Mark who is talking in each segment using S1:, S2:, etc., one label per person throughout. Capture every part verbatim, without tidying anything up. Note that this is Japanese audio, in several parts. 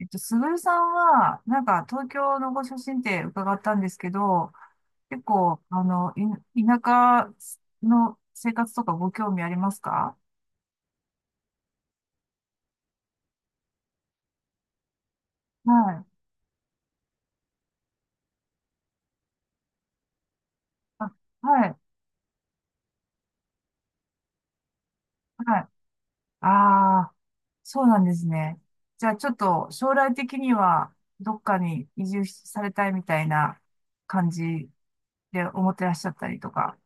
S1: えっと、すぐるさんは、なんか、東京のご出身って伺ったんですけど、結構、あの、い、田舎の生活とかご興味ありますか。はい。あ、はい。はい。ああ、そうなんですね。じゃあ、ちょっと、将来的には、どっかに移住しされたいみたいな感じで思ってらっしゃったりとか。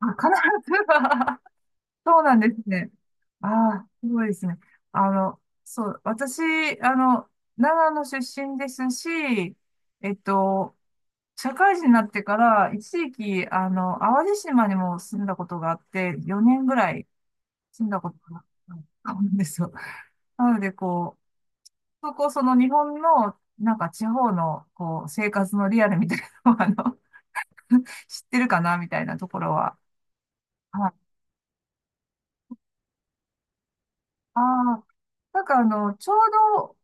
S1: あ、必ずはそうなんですね。ああ、すごいですね。あの、そう、私、あの、長野出身ですし、えっと、社会人になってから、一時期、あの、淡路島にも住んだことがあって、よねんぐらい住んだことがあるんですよ。なので、こう、そこ、その日本の、なんか地方の、こう、生活のリアルみたいなのを、あの、知ってるかな、みたいなところは。はい。ああ、なんかあの、ちょうど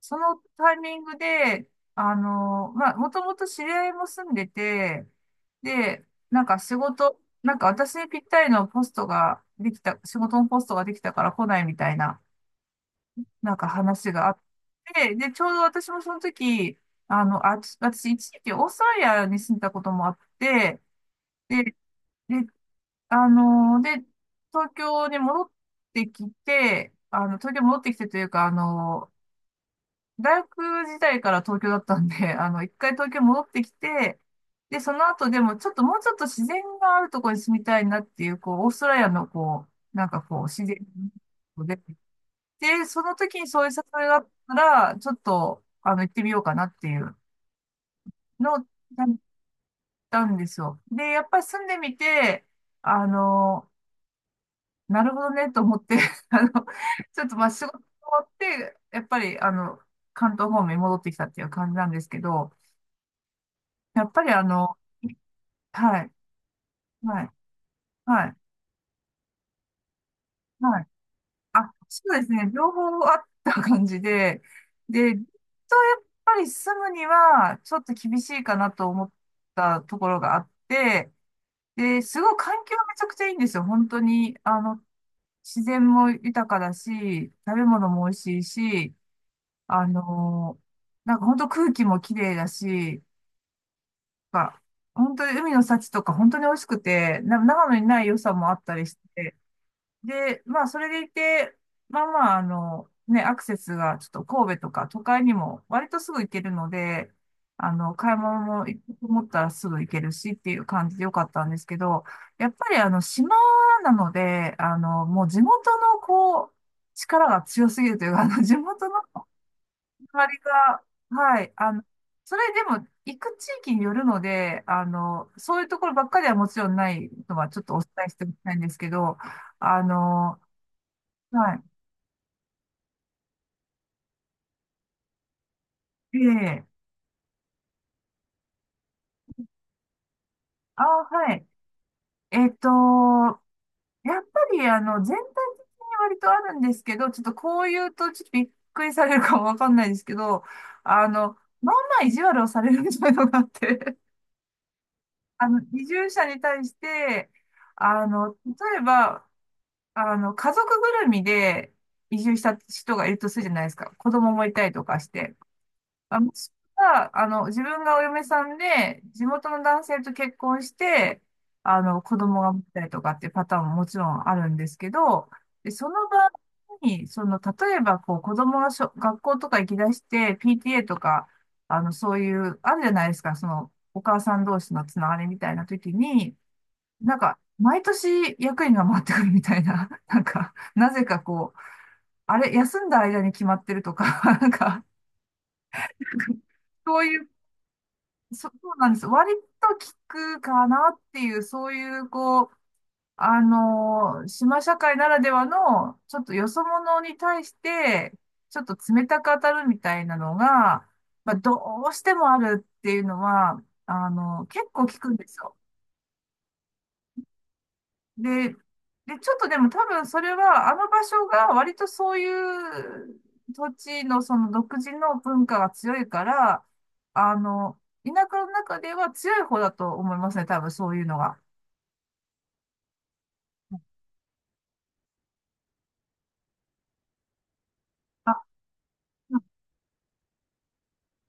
S1: そのタイミングで、あの、まあ、もともと知り合いも住んでて、で、なんか仕事、なんか私にぴったりのポストができた、仕事のポストができたから来ないみたいな、なんか話があって、で、ちょうど私もその時、あの、あ、ち私一時期オーストラリアに住んでたこともあって、で、で、あの、で、東京に戻ってきて、あの、東京に戻ってきてというか、あの、大学時代から東京だったんで、あの、一回東京戻ってきて、で、その後でもちょっともうちょっと自然があるところに住みたいなっていう、こう、オーストラリアのこう、なんかこう、自然で、で、その時にそういう誘いがあったら、ちょっと、あの、行ってみようかなっていうのを考えたんですよ。で、やっぱり住んでみて、あの、なるほどねと思って、 あの、ちょっとまあ仕事終わって、やっぱり、あの、関東方面に戻ってきたっていう感じなんですけど、やっぱりあの、はい、はい、はい、はい。あ、そうですね。両方あった感じで、で、ずっとやっぱり住むには、ちょっと厳しいかなと思ったところがあって、で、すごい環境はめちゃくちゃいいんですよ。本当に、あの、自然も豊かだし、食べ物も美味しいし、あの、なんか本当空気も綺麗だし、なんか本当に海の幸とか本当に美味しくて、な長野にない良さもあったりして、で、まあ、それでいて、まあまあ、あの、ね、アクセスがちょっと神戸とか都会にも割とすぐ行けるので、あの、買い物も行こうと思ったらすぐ行けるしっていう感じでよかったんですけど、やっぱりあの、島なので、あの、もう地元のこう、力が強すぎるというか、あの、地元の周りが、はい、あの、それでも行く地域によるので、あの、そういうところばっかりはもちろんないのはちょっとお伝えしておきたいんですけど、あの、はい。ええ。あ、はい。えっと、やっぱり、あの、全体的に割とあるんですけど、ちょっとこう言うと、ちょっとびっくりされるかもわかんないですけど、あの、まあまあ意地悪をされるみたいなのがあって、あの、移住者に対して、あの、例えば、あの、家族ぐるみで移住した人がいるとするじゃないですか。子供もいたりとかして。あ、息子が、あの、自分がお嫁さんで、地元の男性と結婚して、あの、子供が持ったりとかっていうパターンももちろんあるんですけど、で、その場合に、その、例えば、こう、子供がしょ、学校とか行き出して、ピーティーエー とか、あの、そういう、あるじゃないですか、その、お母さん同士のつながりみたいな時に、なんか、毎年役員が回ってくるみたいな、なんか、なぜかこう、あれ、休んだ間に決まってるとか、なんか、そういうそうなんです。割と効くかなっていう、そういう、こう、あのー島社会ならではの、ちょっとよそ者に対して、ちょっと冷たく当たるみたいなのが、まあ、どうしてもあるっていうのは、あの結構効くんですよ。で、で、ちょっとでも多分それは、あの場所が割とそういう土地のその独自の文化が強いから、あの、田舎の中では強い方だと思いますね、多分そういうのが。あ、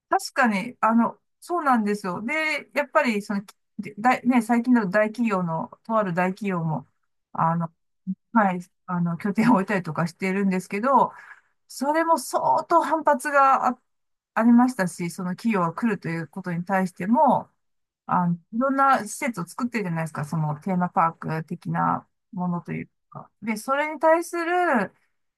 S1: 確かに、あの、そうなんですよ。で、やっぱり、その、で大、ね、最近だと大企業の、とある大企業も、あの、はい、あの、拠点を置いたりとかしてるんですけど、それも相当反発があ、ありましたし、その企業が来るということに対しても、あの、いろんな施設を作ってるじゃないですか、そのテーマパーク的なものというか。で、それに対する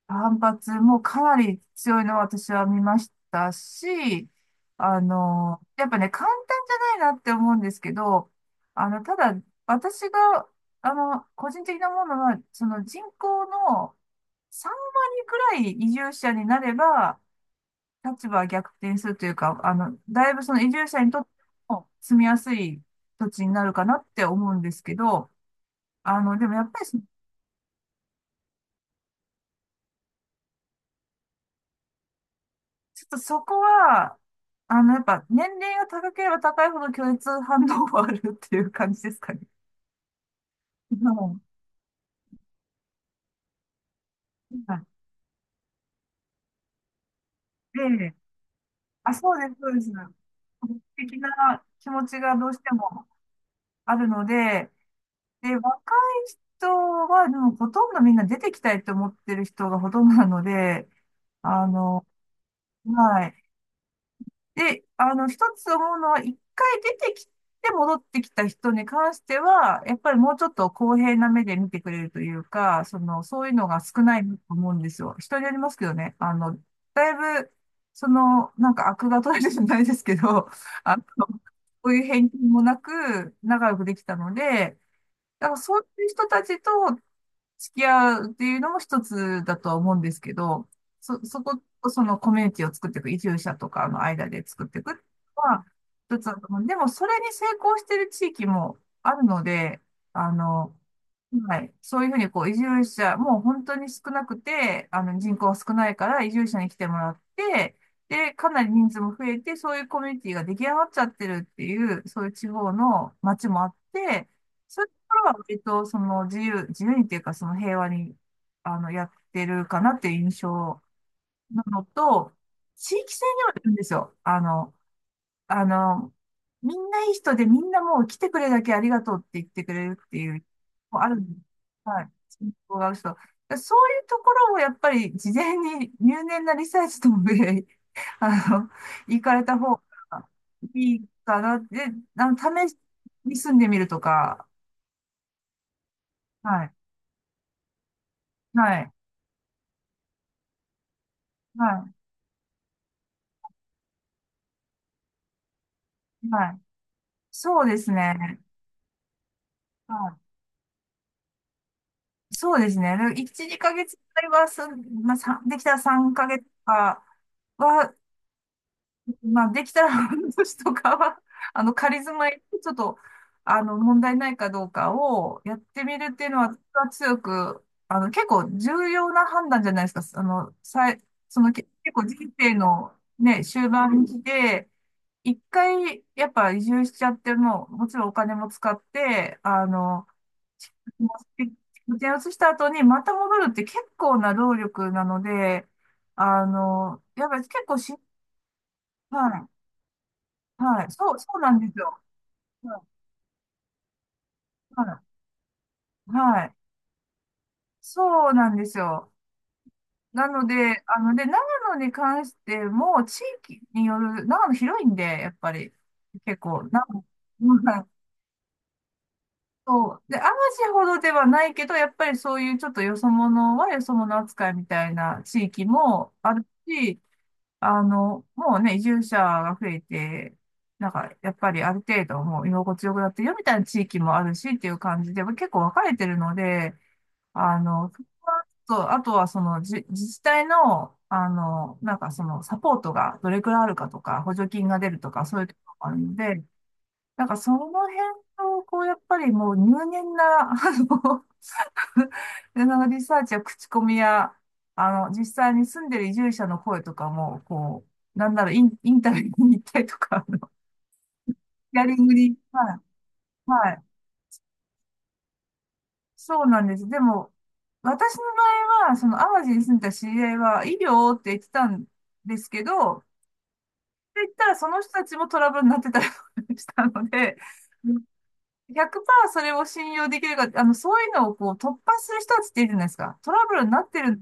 S1: 反発もかなり強いのを私は見ましたし、あの、やっぱね、簡単じゃないなって思うんですけど、あの、ただ、私が、あの、個人的なものは、その人口のさん割くらい移住者になれば、立場は逆転するというか、あの、だいぶその移住者にとっても住みやすい土地になるかなって思うんですけど、あの、でもやっぱりそ、ちょっとそこは、あの、やっぱ年齢が高ければ高いほど拒絶反応があるっていう感じですかね。もう、はいで、あ、そうです、そうです。的な気持ちがどうしてもあるので、で、若い人は、でもほとんどみんな出てきたいと思ってる人がほとんどなので、あの、はい。で、あの、一つ思うのは、一回出てきて戻ってきた人に関しては、やっぱりもうちょっと公平な目で見てくれるというか、その、そういうのが少ないと思うんですよ。人によりますけどね。あの、だいぶ、その、なんか悪が取れるじゃないですけど、あの、そういう偏見もなく、仲良くできたので、だからそういう人たちと付き合うっていうのも一つだとは思うんですけど、そ、そこと、そのコミュニティを作っていく、移住者とかの間で作っていくのは一つだと思う。でも、それに成功している地域もあるので、あの、はい、そういうふうにこう移住者、もう本当に少なくて、あの人口が少ないから移住者に来てもらって、で、かなり人数も増えて、そういうコミュニティが出来上がっちゃってるっていう、そういう地方の街もあって、それところは割とその自由、自由にっていうかその平和にあのやってるかなっていう印象なのと、地域性ではあるんですよ。あの、あの、みんないい人でみんなもう来てくれだけありがとうって言ってくれるっていう、もうあるんです。はい。信仰がある人。そういうところをやっぱり事前に入念なリサーチともで、あの、行かれた方がいいかな。で、あの、試しに住んでみるとか、はい。はい。はい。はい。そうですね。はい。そうですね。でいち、にかげつくらいは、そんまあ、さんできたらさんかげつとかは、まあ、できたら半年とかは、あの、仮住まい、ちょっと、あの、問題ないかどうかをやってみるっていうのは、強く、あの、結構重要な判断じゃないですか。あの、さい、その、け結構人生のね、終盤で来一回、やっぱ移住しちゃっても、もちろんお金も使って、あの、もう移した後にまた戻るって結構な労力なので、あの、やっぱり結構し、はい、はい、そう、そうなんですよ。はい、はい、はいそうなんですよ。なので、あの、で、長野に関しても、地域による、長野広いんで、やっぱり、結構、長野、はいそう。で、淡路ほどではないけど、やっぱりそういうちょっとよそ者はよそ者扱いみたいな地域もあるし、あの、もうね、移住者が増えて、なんか、やっぱりある程度もう居心地よくなってるよみたいな地域もあるしっていう感じで、結構分かれてるので、あの、そこはちょっと、あとはそのじ自治体の、あの、なんかそのサポートがどれくらいあるかとか、補助金が出るとか、そういうところもあるので、なんかその辺を、こう、やっぱりもう入念な、あの、で、そのリサーチや口コミや、あの、実際に住んでる移住者の声とかも、こう、なんならイン、インタビューに行ったりとか、あのヒアリングに、はい、はい、そうなんです。でも、私の場合は、その淡路に住んでた知り合いは、医療って言ってたんですけど、って言ったらその人たちもトラブルになってたりしたので、ひゃくパーセントそれを信用できるか、あの、そういうのをこう突破する人たちっているじゃないですか。トラブルになってる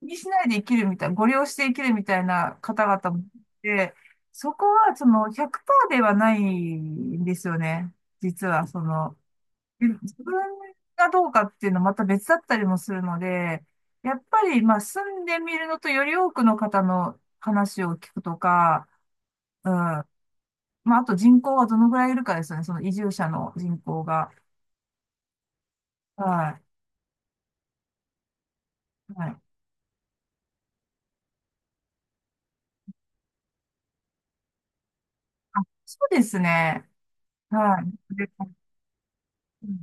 S1: 気にしないで生きるみたいな、ご利用して生きるみたいな方々もいて、そこはそのひゃくパーセントではないんですよね。実は、その、で自分がどうかっていうのはまた別だったりもするので、やっぱり、まあ、住んでみるのとより多くの方の話を聞くとか、うん。まあ、あと人口はどのぐらいいるかですよね。その移住者の人口が。はい。はい。あ、そうですね。はい。でうん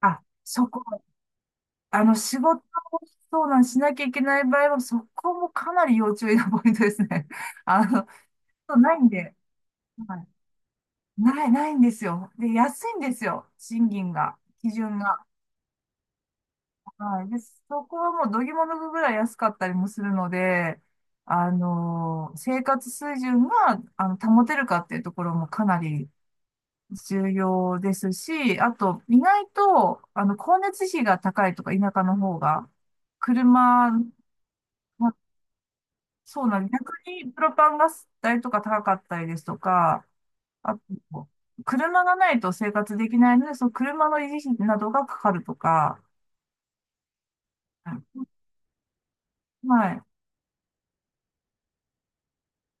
S1: あ、そこあの、仕事を相談しなきゃいけない場合は、そこもかなり要注意なポイントですね。あの、そうないんで、はい、ない、ないんですよ。で、安いんですよ。賃金が、基準が。はい。で、そこはもうどぎも抜くぐらい安かったりもするので、あの、生活水準が、あの、保てるかっていうところもかなり重要ですし、あと、意外と、あの、光熱費が高いとか、田舎の方が、車、そうなんで逆にプロパンガス代とか高かったりですとか、あと、車がないと生活できないので、その車の維持費などがかかるとか、うんはい。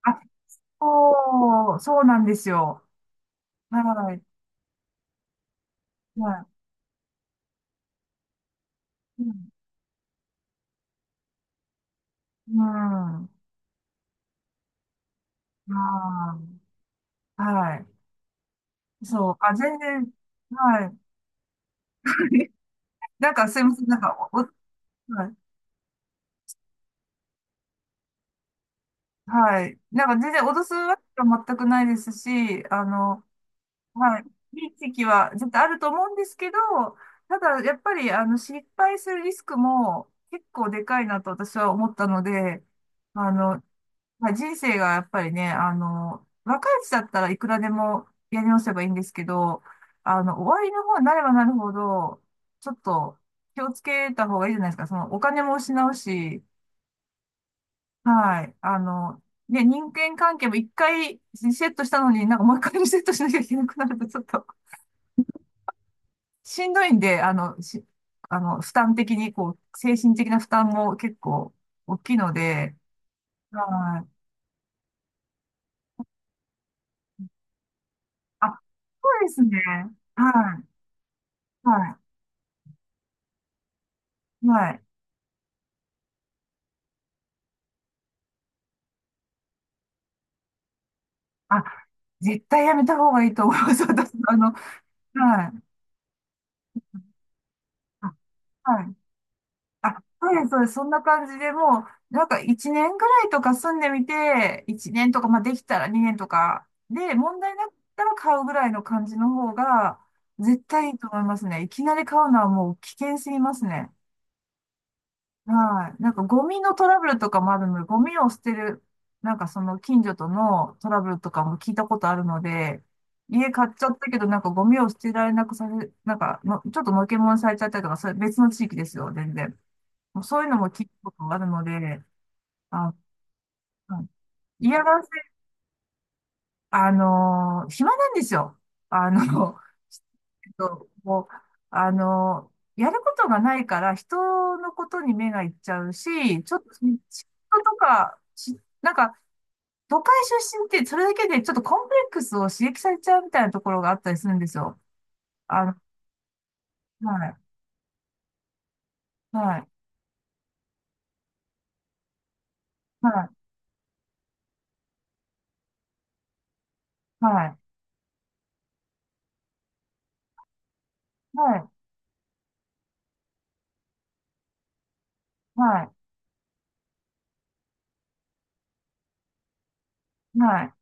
S1: あ、そう、そうなんですよ。はい。はい。うん。うんあーはい。そう。あ、全然、はい。なんかすいません。なんか、お、おはい。はい。なんか全然脅すわけは全くないですし、あの、はい。時期は絶対あると思うんですけど、ただやっぱりあの失敗するリスクも結構でかいなと私は思ったので、あの、まあ、人生がやっぱりね、あの、若いうちだったらいくらでもやり直せばいいんですけど、あの、終わりの方になればなるほど、ちょっと気をつけた方がいいじゃないですか。そのお金も失うし、はい。あの、ね、人間関係も一回リセットしたのになんかもう一回リセットしなきゃいけなくなるとちょっとしんどいんで、あの、し、あの、負担的に、こう、精神的な負担も結構大きいので、はい。あ、そうですね。はい。はい。はい。あ、絶対やめた方がいいと思います。私、あの、はい。あはいあ、そうです、そうです。そんな感じでもう、なんかいちねんぐらいとか住んでみて、いちねんとか、まあできたらにねんとか、で、問題なかったら買うぐらいの感じの方が、絶対いいと思いますね。いきなり買うのはもう危険すぎますね。はい。なんかゴミのトラブルとかもあるので、ゴミを捨てる、なんかその近所とのトラブルとかも聞いたことあるので、家買っちゃったけど、なんかゴミを捨てられなくさせ、なんかの、ちょっとのけもんされちゃったりとか、それ別の地域ですよ、全然。もうそういうのも聞くことがあるので、あ、うん嫌がらせ、あのー暇なんですよ。あの、えっともう、あのーやることがないから人のことに目がいっちゃうし、ちょっと、嫉妬とか、し、なんか、都会出身ってそれだけでちょっとコンプレックスを刺激されちゃうみたいなところがあったりするんですよ。あの、はい、はい、はい、はい、はい、はい、はい。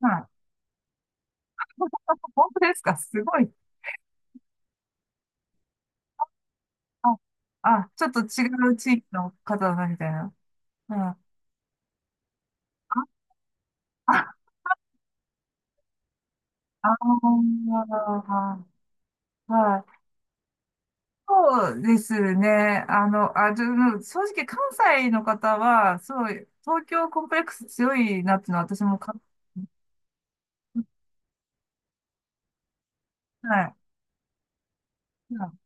S1: はい本当ですかすごい。あ、あ、ちょっと違う地域の方だみたいな。うん。あ、あ、あーはい。そうですね。あの、あ、ちょ、正直関西の方は、すごい、東京コンプレックス強いなっていうのは私もか、はい。うん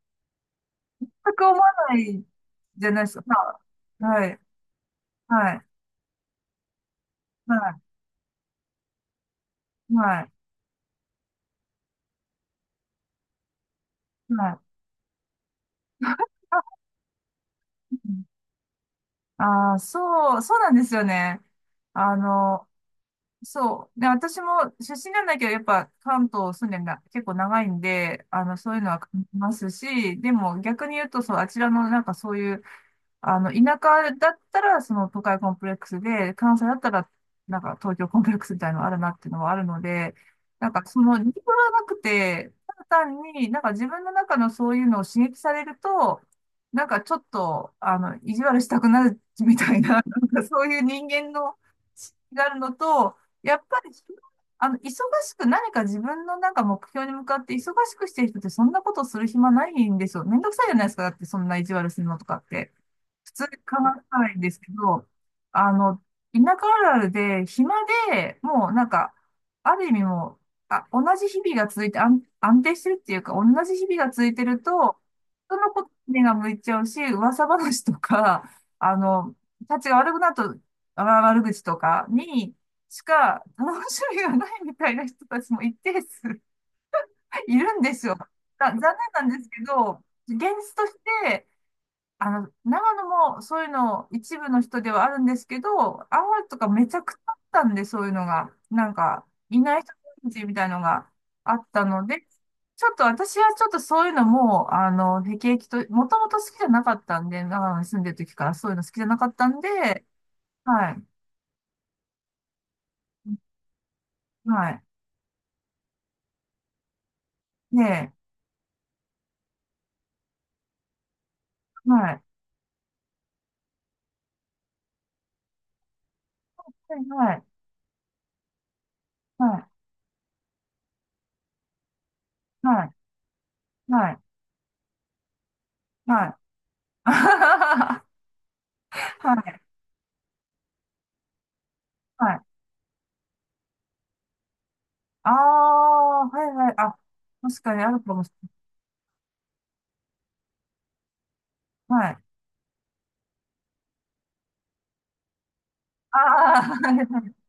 S1: 全く思わないじゃないですか。まあはい。はい。はい。はい。はい。あ、あーそう、そうなんですよね。あの、そう。で、私も出身なんだけど、やっぱ関東住んでんだ、結構長いんで、あの、そういうのは感じますし、でも逆に言うと、そう、あちらのなんかそういう、あの、田舎だったら、その都会コンプレックスで、関西だったら、なんか東京コンプレックスみたいなのがあるなっていうのはあるので、なんかその理由はなくて、ただ単になんか自分の中のそういうのを刺激されると、なんかちょっと、あの、意地悪したくなるみたいな、なんかそういう人間の資質があるのと、やっぱり、あの、忙しく何か自分のなんか目標に向かって忙しくしてる人ってそんなことする暇ないんですよ。めんどくさいじゃないですか。だってそんな意地悪するのとかって。普通に考えないんですけど、あの、田舎あるあるで、暇で、もうなんか、ある意味もう、あ、同じ日々が続いて、安、安定してるっていうか、同じ日々が続いてると、人のことに目が向いちゃうし、噂話とか、あの、たちが悪くなると、あ悪口とかにしか楽しみがないみたいな人たちも一定数いるんですよ。だ残念なんですけど、現実として、あの、長野もそういうの一部の人ではあるんですけど、青森とかめちゃくちゃあったんで、そういうのが。なんか、いない人たちみたいのがあったので、ちょっと私はちょっとそういうのもう、あの、辟易と、もともと好きじゃなかったんで、長野に住んでる時からそういうの好きじゃなかったんで。はい。はい。ねえ。はい。はい。はい。はい。はい。はい。はい。はい。はい。ああ、はいはい。あ、確かにあるかもしれない。はい。ああ、はいはい。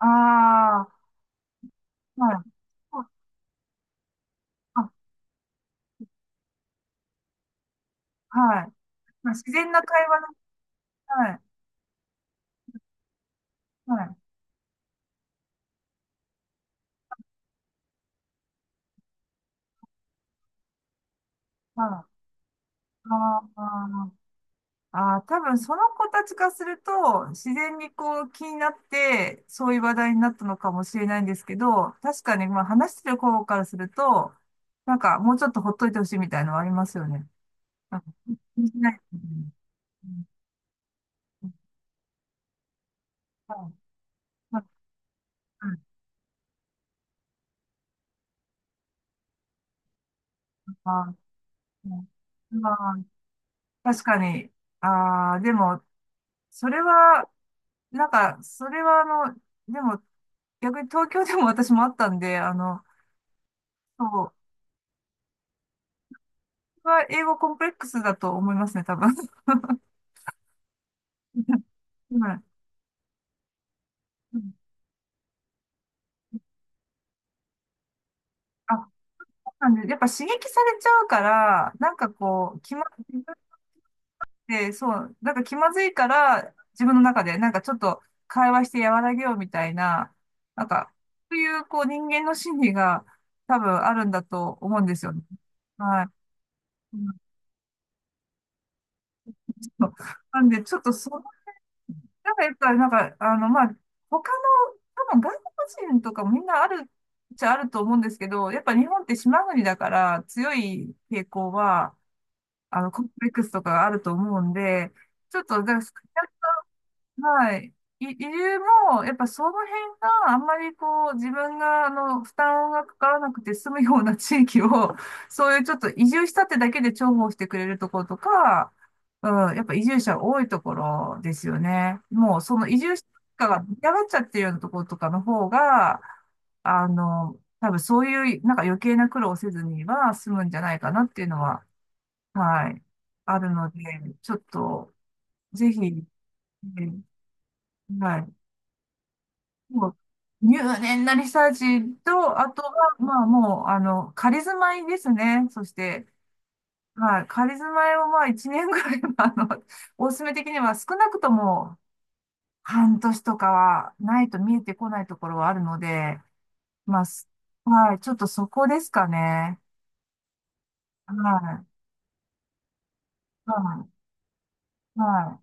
S1: ああ、はい。あ、はい。まあ、自然な会話の。はい。はい。はい。ああ。ああ、多分その子たちからすると、自然にこう気になって、そういう話題になったのかもしれないんですけど、確かに、まあ話してる子からすると、なんかもうちょっとほっといてほしいみたいなのはありますよね。なんか気にしない。うんうんはいはいはいあーうん確かに。ああ、でも、それは、なんか、それはあの、でも、逆に東京でも私もあったんで、あの、そう、は英語コンプレックスだと思いますね、多分。はいうん。あ、そうなんで、やっぱ刺激されちゃうから、なんかこう、気ま、自分ってそう、なんか気まずいから、自分の中で、なんかちょっと会話して和らげようみたいな、なんか、そういう、こう、人間の心理が多分あるんだと思うんですよね。はい。そうなんで、ちょっとその、なんかやっぱ、なんか、あの、まあ、他の、多分外国人とかもみんなあるっちゃあると思うんですけど、やっぱ日本って島国だから強い傾向は、あの、コンプレックスとかがあると思うんで、ちょっと、だからはい。い、理由も、やっぱその辺があんまりこう自分があの負担がかからなくて済むような地域を、そういうちょっと移住したってだけで重宝してくれるところとか、うん、やっぱ移住者多いところですよね。もうその移住者が出がっちゃってるようなところとかの方が、あの、多分そういうなんか余計な苦労をせずには済むんじゃないかなっていうのは、はい、あるので、ちょっとぜひ。えーはい。もう入念なリサーチと、あとは、まあもう、あの、仮住まいですね。そして、はい、仮住まいをまあいちねんぐらいは、あの、おすすめ的には少なくともはんとしとかはないと見えてこないところはあるので、まあ、すはい、ちょっとそこですかね。はい、はい、は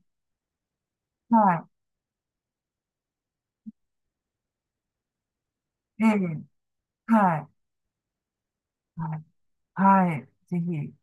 S1: い、はい、ええ、はい、はい、はい、ぜひ。